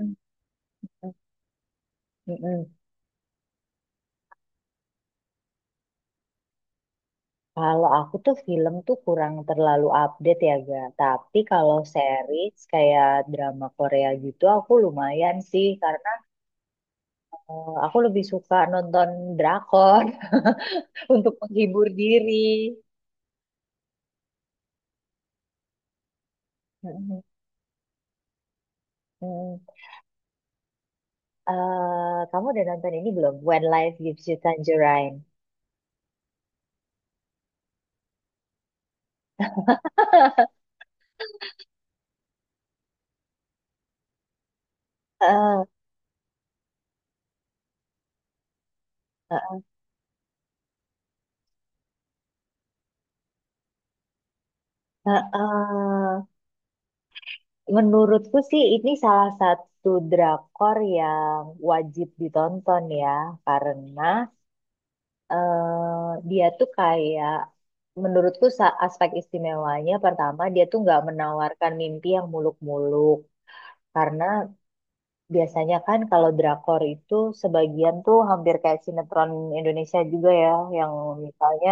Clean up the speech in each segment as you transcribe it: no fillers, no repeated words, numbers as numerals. Mm-mm. Kalau aku tuh film tuh kurang terlalu update ya ga. Tapi kalau series kayak drama Korea gitu aku lumayan sih karena aku lebih suka nonton drakor untuk menghibur diri. Mm-mm. Mm. Kamu udah nonton ini belum? When Life Gives You Tangerine. Eh, eh, eh, eh. Menurutku sih ini salah satu drakor yang wajib ditonton ya, karena dia tuh kayak, menurutku aspek istimewanya pertama dia tuh nggak menawarkan mimpi yang muluk-muluk, karena biasanya kan kalau drakor itu sebagian tuh hampir kayak sinetron Indonesia juga ya, yang misalnya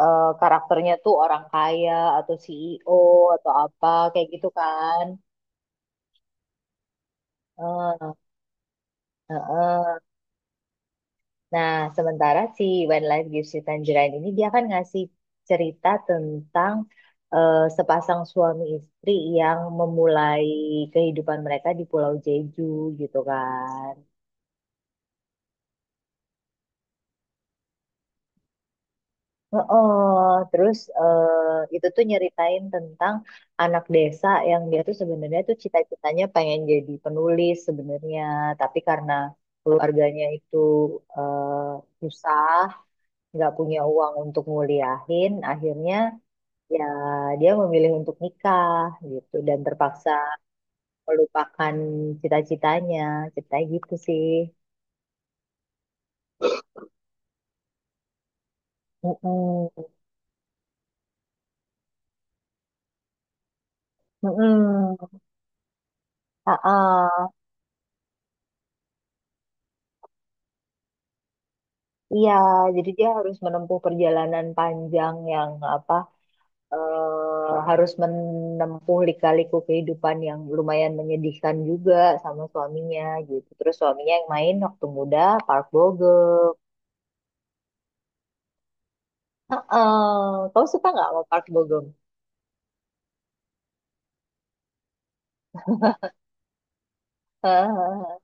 karakternya tuh orang kaya atau CEO atau apa kayak gitu kan. Eh, eh, eh. Nah, sementara si When Life Gives You Tangerine ini dia kan ngasih cerita tentang sepasang suami istri yang memulai kehidupan mereka di Pulau Jeju gitu kan. Oh, terus itu tuh nyeritain tentang anak desa yang dia tuh sebenarnya tuh cita-citanya pengen jadi penulis sebenarnya, tapi karena keluarganya itu eh, susah, nggak punya uang untuk nguliahin, akhirnya ya dia memilih untuk nikah gitu dan terpaksa melupakan cita-citanya, ceritanya gitu sih. Mm-mm. Mm-mm. Ah-ah. Iya, jadi dia harus menempuh perjalanan panjang, yang apa, harus menempuh lika-liku kehidupan yang lumayan menyedihkan juga sama suaminya gitu. Terus suaminya yang main waktu muda Park Bo Gum. Ah-ah. Kau suka nggak sama Park Bo Gum?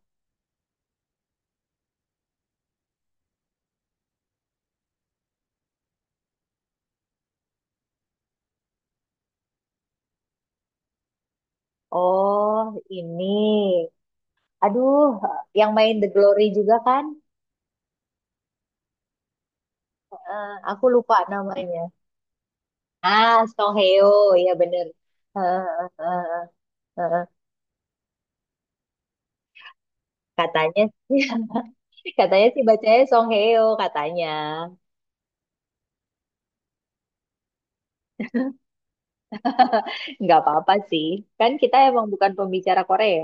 Oh, ini. Aduh, yang main The Glory juga kan? Aku lupa namanya. Ah, Song Heo, ya bener. Eh, eh, eh, eh, eh. Katanya, sih, katanya sih bacanya Song Heo, katanya. Nggak apa-apa sih. Kan kita emang bukan pembicara Korea.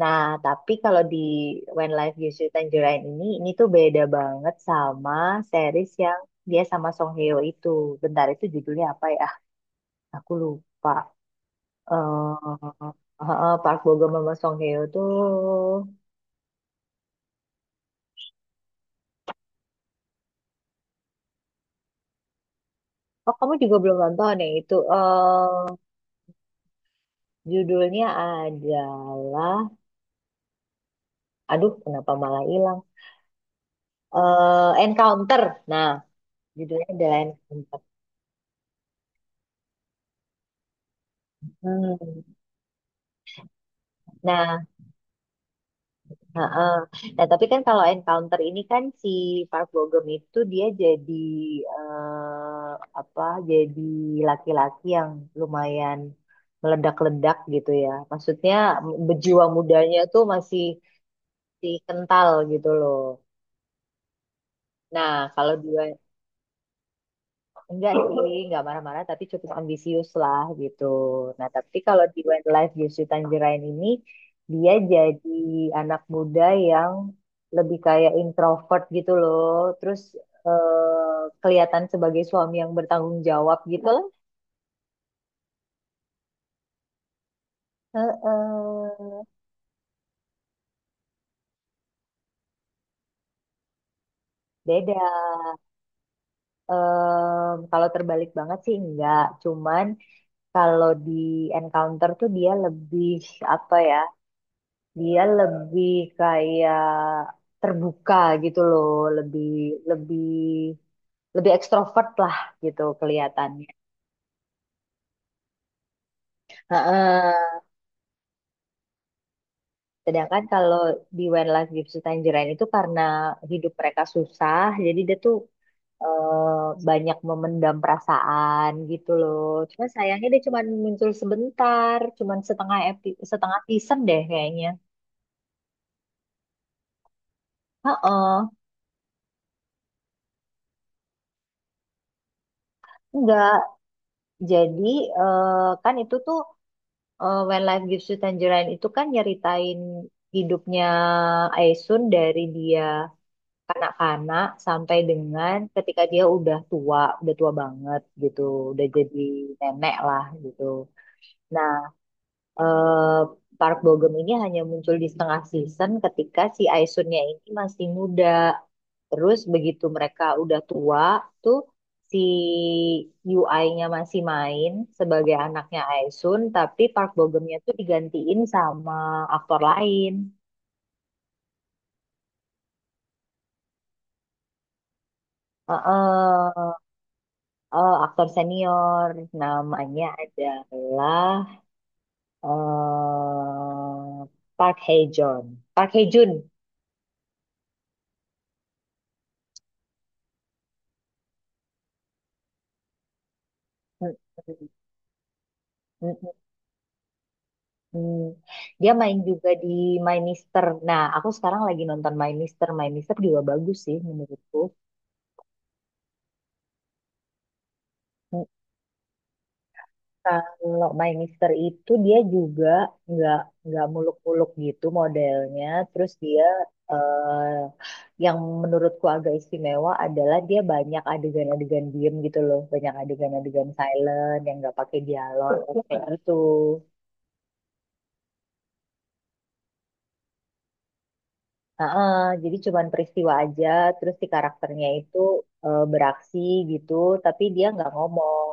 Nah, tapi kalau di When Life Gives You Tangerine ini tuh beda banget sama series yang dia sama Song Heo itu. Bentar, itu judulnya apa ya? Aku lupa. Park Bo Gum sama Song Hye Kyo tuh. Oh, kamu juga belum nonton ya itu. Judulnya adalah, aduh kenapa malah hilang, Encounter. Nah, judulnya adalah Encounter. Hmm. Nah. Heeh. Nah, tapi kan kalau Encounter ini kan si Park Bo Gum itu dia jadi, eh, apa? Jadi laki-laki yang lumayan meledak-ledak gitu ya. Maksudnya, berjiwa mudanya tuh masih masih kental gitu loh. Nah, kalau dua. Enggak sih, enggak marah-marah, tapi cukup ambisius lah gitu. Nah, tapi kalau di Westlife Jusri Tanjirain ini, dia jadi anak muda yang lebih kayak introvert gitu loh. Terus kelihatan sebagai suami yang bertanggung jawab gitu lah. Heeh. Beda. Kalau terbalik banget sih enggak. Cuman kalau di Encounter tuh dia lebih apa ya, dia lebih kayak terbuka gitu loh, lebih lebih lebih ekstrovert lah gitu kelihatannya. Heeh. Sedangkan kalau di When Life Gives You Tangerine itu, karena hidup mereka susah, jadi dia tuh banyak memendam perasaan gitu loh. Cuma sayangnya dia cuma muncul sebentar, cuma setengah epi, setengah season deh kayaknya. Heeh. Enggak, jadi eh, kan itu tuh, When Life Gives You Tangerine itu kan nyeritain hidupnya Aisun dari dia kanak-kanak sampai dengan ketika dia udah tua banget gitu, udah jadi nenek lah gitu. Nah, eh, Park Bo Gum ini hanya muncul di setengah season ketika si Aisunnya ini masih muda. Terus begitu mereka udah tua tuh, si UI-nya masih main sebagai anaknya Aisun, tapi Park Bo Gum-nya tuh digantiin sama aktor lain. Heeh, aktor senior namanya adalah eh Park Hae Joon. Park Hae Joon. Hmm, dia main juga di My Mister. Nah, aku sekarang lagi nonton My Mister. My Mister juga bagus sih menurutku. Hmm. Kalau My Mister itu dia juga nggak nggak muluk-muluk gitu modelnya. Terus dia, eh, yang menurutku agak istimewa adalah dia banyak adegan-adegan diem gitu loh, banyak adegan-adegan silent yang nggak pakai dialog kayak gitu. Heeh, jadi cuman peristiwa aja, terus si karakternya itu beraksi gitu, tapi dia nggak ngomong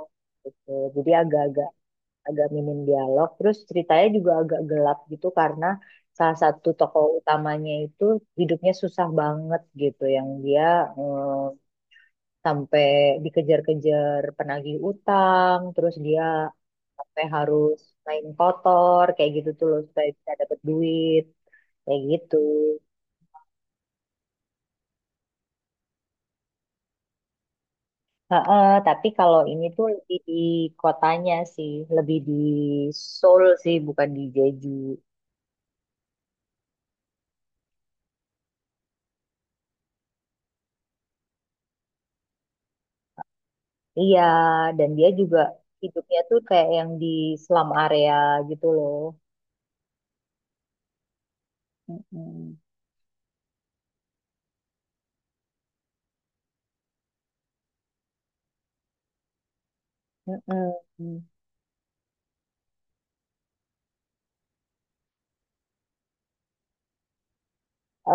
gitu. Jadi agak-agak minim dialog. Terus ceritanya juga agak gelap gitu karena salah satu tokoh utamanya itu hidupnya susah banget gitu, yang dia eh, sampai dikejar-kejar penagih utang, terus dia sampai harus main kotor kayak gitu tuh loh supaya bisa dapet duit kayak gitu. Heeh, tapi kalau ini tuh lebih di kotanya sih, lebih di Seoul sih, bukan di Jeju. Iya, dan dia juga hidupnya tuh kayak yang di slum area gitu loh. Mm-mm. Mm-mm. Eh,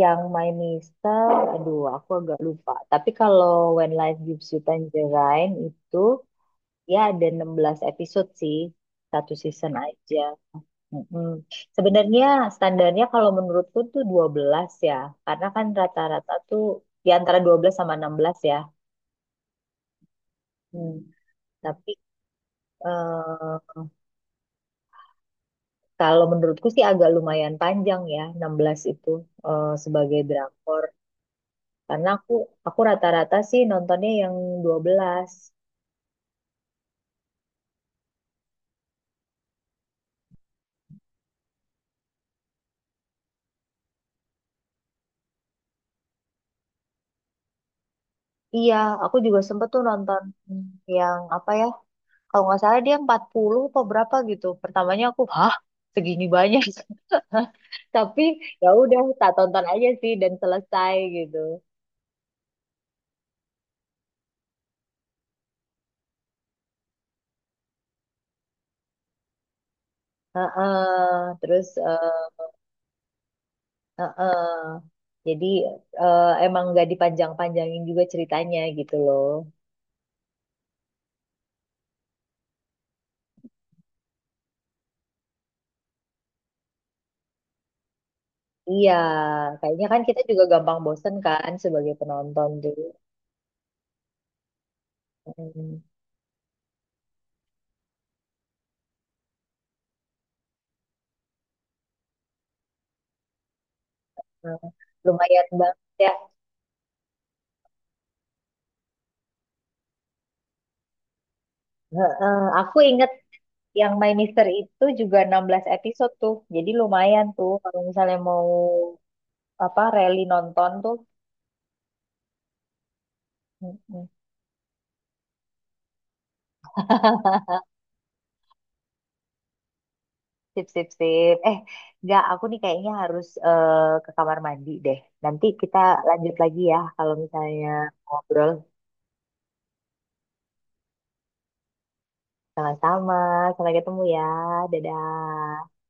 yang My Mister, aduh aku agak lupa. Tapi kalau When Life Gives You Tangerine itu, ya ada 16 episode sih, satu season aja. Mm-mm. Sebenarnya standarnya kalau menurutku tuh 12 ya, karena kan rata-rata tuh di antara 12 sama 16 ya. Hmm. Tapi eh, kalau menurutku sih agak lumayan panjang ya 16 itu sebagai drakor. Karena aku rata-rata sih nontonnya yang 12. Iya, aku juga sempet tuh nonton yang apa ya. Kalau nggak salah dia 40 apa berapa gitu. Pertamanya aku, hah? Segini banyak. Tapi ya udah, tak tonton aja sih dan selesai gitu. Heeh, terus heeh. Jadi emang nggak dipanjang-panjangin juga ceritanya gitu loh. Iya, kayaknya kan kita juga gampang bosen kan sebagai penonton tuh. Mm. Nah, lumayan banget ya. Heeh, aku ingat. Yang My Mister itu juga 16 episode tuh. Jadi lumayan tuh kalau misalnya mau apa rally nonton tuh. Mm-mm. Sip, sip, sip. Nggak, aku nih kayaknya harus ke kamar mandi deh. Nanti kita lanjut lagi ya kalau misalnya ngobrol sama-sama. Sampai ketemu ya. Dadah.